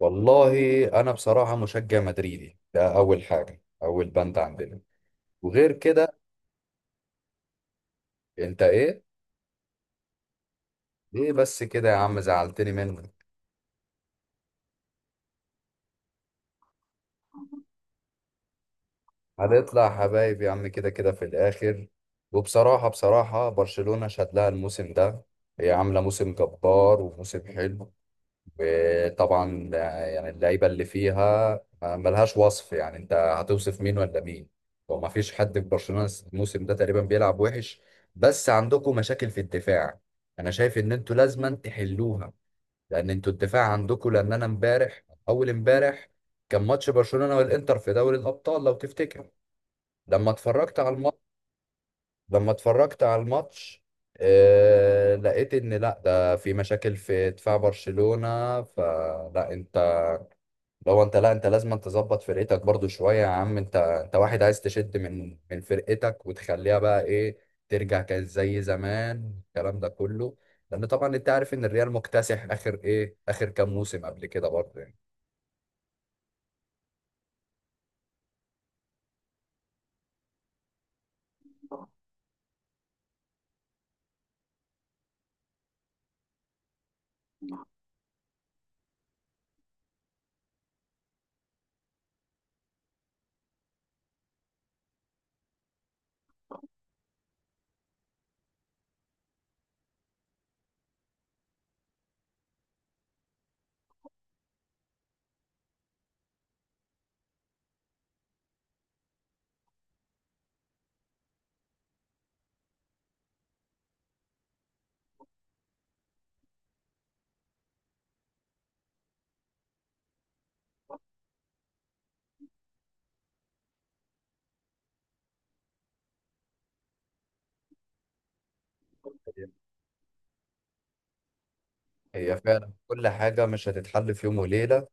والله انا بصراحه مشجع مدريدي، ده اول حاجه، اول بند عندنا. وغير كده. انت ايه؟ ايه بس كده يا عم، زعلتني منك. هنطلع حبايب يا عم، كده كده في الاخر. وبصراحه برشلونه شاد لها الموسم ده، هي عامله موسم جبار وموسم حلو. وطبعا يعني اللعيبه اللي فيها ملهاش وصف، يعني انت هتوصف مين ولا مين؟ وما فيش حد في برشلونه الموسم ده تقريبا بيلعب وحش، بس عندكم مشاكل في الدفاع. انا شايف ان انتوا لازما تحلوها، لان انتوا الدفاع عندكم. لان انا اول امبارح كان ماتش برشلونه والانتر في دوري الابطال، لو تفتكر. لما اتفرجت على الماتش لما اتفرجت على الماتش، لقيت ان لا، ده في مشاكل في دفاع برشلونه. فلا انت لو انت لا انت لازم أن تظبط فرقتك برضو شوية يا عم. انت واحد عايز تشد من فرقتك وتخليها بقى ايه، ترجع كانت زي زمان، الكلام ده كله. لان طبعا انت عارف ان الريال مكتسح اخر كام موسم قبل كده برضه يعني. هي فعلا كل حاجة مش هتتحل في يوم وليلة،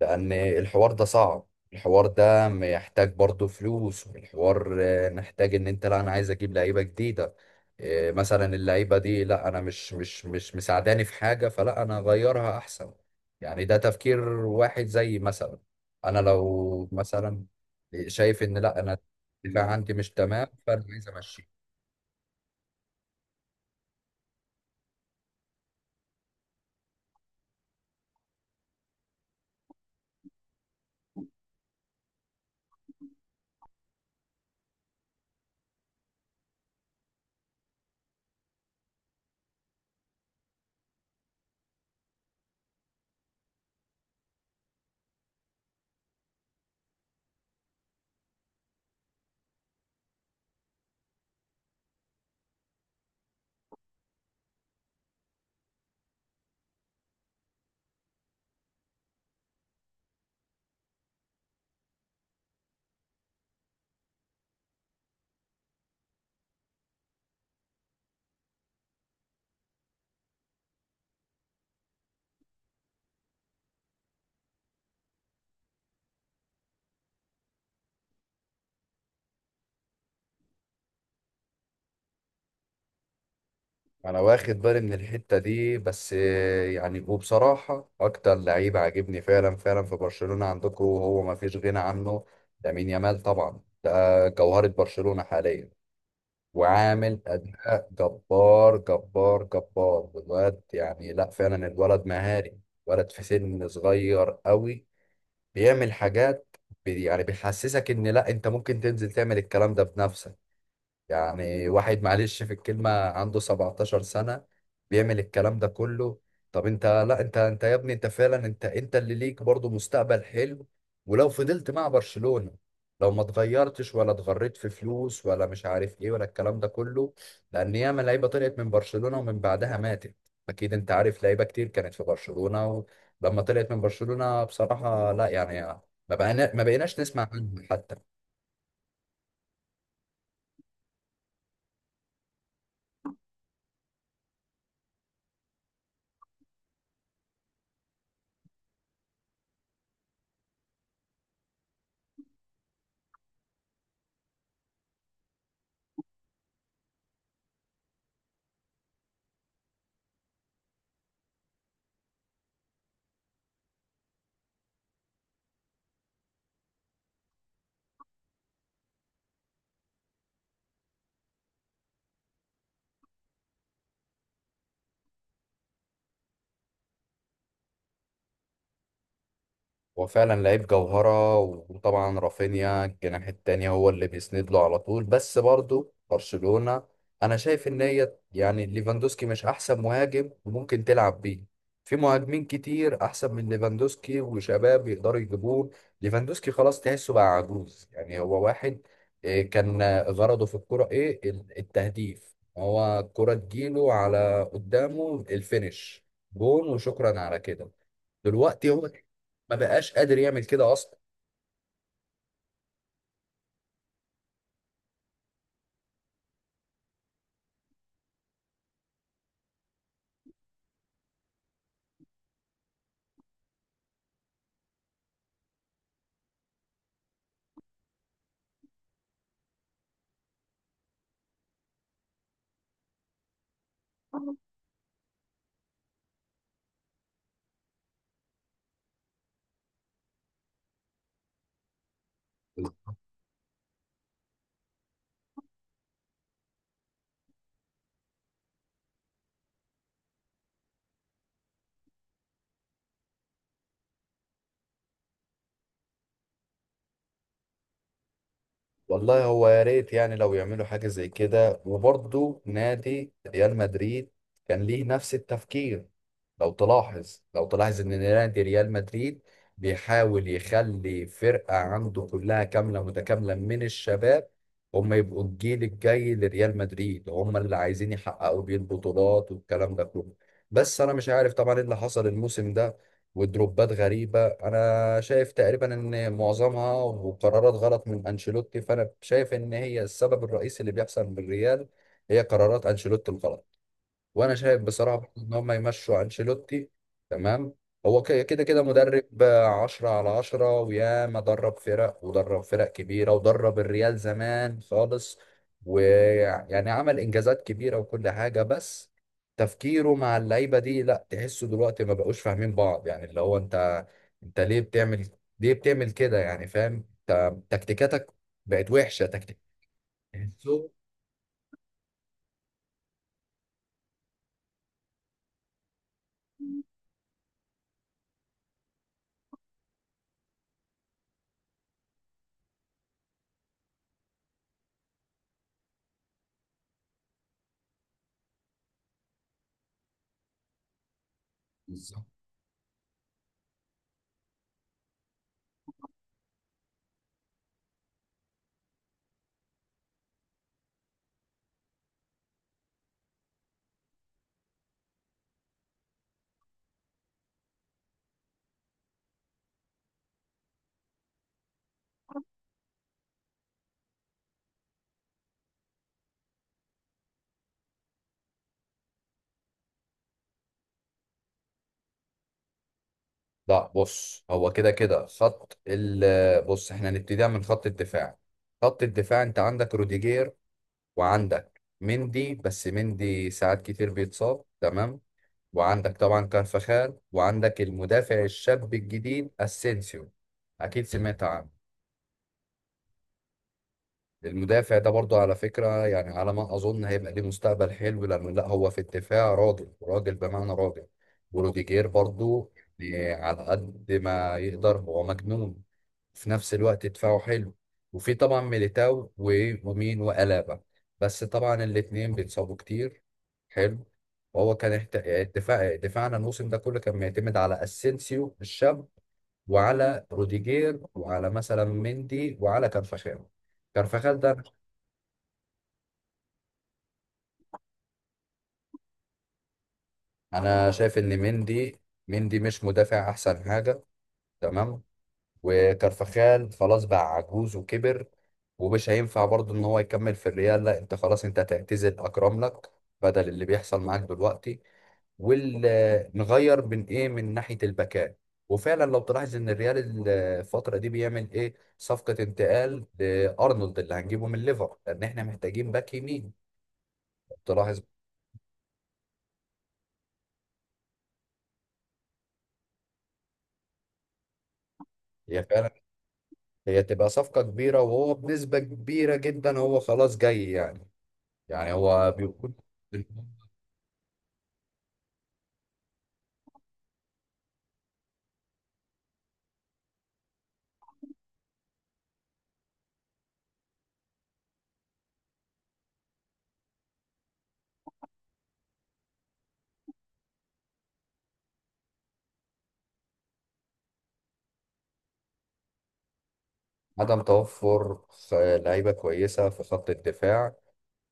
لأن الحوار ده صعب. الحوار ده محتاج برضه فلوس. والحوار محتاج إن أنت لا أنا عايز أجيب لعيبة جديدة. مثلا اللعيبة دي لا، أنا مش مساعداني في حاجة، فلا أنا أغيرها أحسن. يعني ده تفكير واحد، زي مثلا أنا لو مثلا شايف إن لا أنا الدفاع عندي مش تمام، فأنا عايز أمشي. انا واخد بالي من الحته دي، بس يعني وبصراحه اكتر لعيب عاجبني فعلا فعلا في برشلونه عندكم وهو ما فيش غنى عنه، لامين يامال. طبعا ده جوهره برشلونه حاليا، وعامل اداء جبار جبار جبار الواد. يعني لا فعلا، الولد مهاري، ولد في سن صغير قوي، بيعمل حاجات، يعني بيحسسك ان لا، انت ممكن تنزل تعمل الكلام ده بنفسك. يعني واحد معلش في الكلمة عنده 17 سنة بيعمل الكلام ده كله. طب انت لا انت انت يا ابني، انت فعلا، انت اللي ليك برضو مستقبل حلو، ولو فضلت مع برشلونة، لو ما اتغيرتش ولا اتغريت في فلوس، ولا مش عارف ايه، ولا الكلام ده كله. لان ياما لعيبة طلعت من برشلونة ومن بعدها ماتت. اكيد انت عارف لعيبة كتير كانت في برشلونة ولما طلعت من برشلونة بصراحة لا يعني، ما بقيناش نسمع عنهم حتى. هو فعلا لعيب جوهرة، وطبعا رافينيا الجناح التاني هو اللي بيسند له على طول. بس برضه برشلونة، أنا شايف إن هي يعني ليفاندوسكي مش أحسن مهاجم ممكن تلعب بيه. في مهاجمين كتير أحسن من ليفاندوسكي وشباب يقدروا يجيبوه. ليفاندوسكي خلاص تحسه بقى عجوز، يعني هو واحد كان، غرضه في الكرة إيه، التهديف. هو الكرة تجيله على قدامه، الفينش جون وشكرا على كده. دلوقتي هو ما بقاش قادر يعمل كده اصلا. والله هو يا ريت يعني لو يعملوا حاجه زي كده، وبرضه نادي ريال مدريد كان ليه نفس التفكير. لو تلاحظ ان نادي ريال مدريد بيحاول يخلي فرقة عنده كلها كاملة متكاملة من الشباب، هم يبقوا الجيل الجاي لريال مدريد، هم اللي عايزين يحققوا بيه البطولات والكلام ده كله. بس انا مش عارف طبعا ايه اللي حصل الموسم ده، ودروبات غريبة. انا شايف تقريبا ان معظمها وقرارات غلط من انشيلوتي، فانا شايف ان هي السبب الرئيسي اللي بيحصل بالريال، هي قرارات انشيلوتي الغلط. وانا شايف بصراحه برضه ان هم يمشوا انشيلوتي. تمام. هو كده كده مدرب 10 على 10، وياما درب فرق ودرب فرق كبيره، ودرب الريال زمان خالص، ويعني عمل انجازات كبيره وكل حاجه. بس تفكيره مع اللعيبه دي لا، تحسه دلوقتي ما بقوش فاهمين بعض، يعني اللي هو انت، انت ليه بتعمل كده يعني؟ فاهم انت تكتيكاتك بقت وحشه. تكتيك. لا بص، هو كده كده خط ال بص، احنا هنبتديها من خط الدفاع. خط الدفاع، انت عندك روديجير، وعندك مندي، بس مندي ساعات كتير بيتصاب. تمام. وعندك طبعا كارفخال، وعندك المدافع الشاب الجديد اسينسيو. اكيد سمعت عنه. المدافع ده برضو على فكرة يعني، على ما اظن هيبقى ليه مستقبل حلو، لانه لا، هو في الدفاع راجل راجل بمعنى راجل. وروديجير برضو، يعني على قد ما يقدر هو مجنون، في نفس الوقت دفاعه حلو. وفي طبعا ميليتاو ومين وألابا، بس طبعا الاتنين بيتصابوا كتير. حلو. وهو كان احت... دفاعنا الموسم ده كله كان بيعتمد على اسينسيو الشاب، وعلى روديجير، وعلى مثلا مندي، وعلى كارفاخال. كارفاخال ده انا شايف ان مندي مش مدافع احسن حاجة. تمام. وكرفخال خلاص بقى عجوز وكبر، ومش هينفع برضه ان هو يكمل في الريال. لا انت خلاص، انت هتعتزل اكرم لك بدل اللي بيحصل معاك دلوقتي، ونغير من ايه، من ناحية الباكات. وفعلا لو تلاحظ ان الريال الفترة دي بيعمل ايه، صفقة انتقال لارنولد اللي هنجيبه من ليفر، لان احنا محتاجين باك يمين. تلاحظ هي فعلا هي تبقى صفقة كبيرة، وهو بنسبة كبيرة جدا هو خلاص جاي يعني. يعني هو بيكون عدم توفر لعيبة كويسة في خط الدفاع،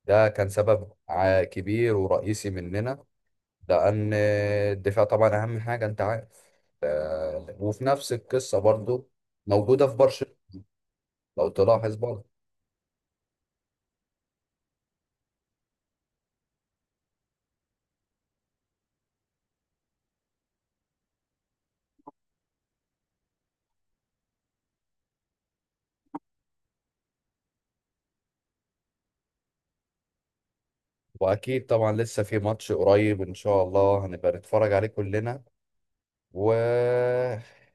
ده كان سبب كبير ورئيسي مننا، لأن الدفاع طبعا أهم حاجة أنت عارف. ف- وفي نفس القصة برضو موجودة في برشلونة، لو تلاحظ برضو. وأكيد طبعا لسه في ماتش قريب إن شاء الله هنبقى نتفرج عليه كلنا. و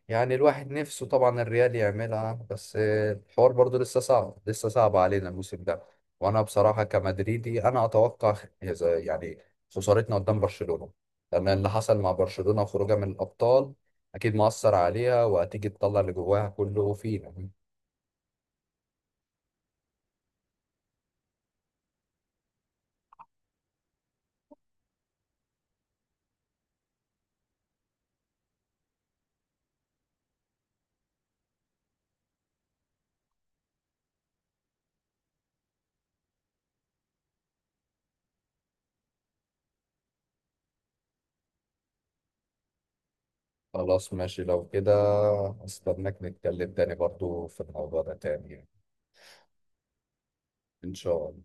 يعني الواحد نفسه طبعا الريال يعملها، بس الحوار برضو لسه صعب، لسه صعب علينا الموسم ده. وانا بصراحة كمدريدي انا اتوقع يعني خسارتنا قدام برشلونة، لان اللي حصل مع برشلونة وخروجها من الابطال اكيد مؤثر عليها، وهتيجي تطلع اللي جواها كله فينا. خلاص ماشي لو كده، استناك نتكلم تاني برضو في الموضوع ده تاني يعني. ان شاء الله.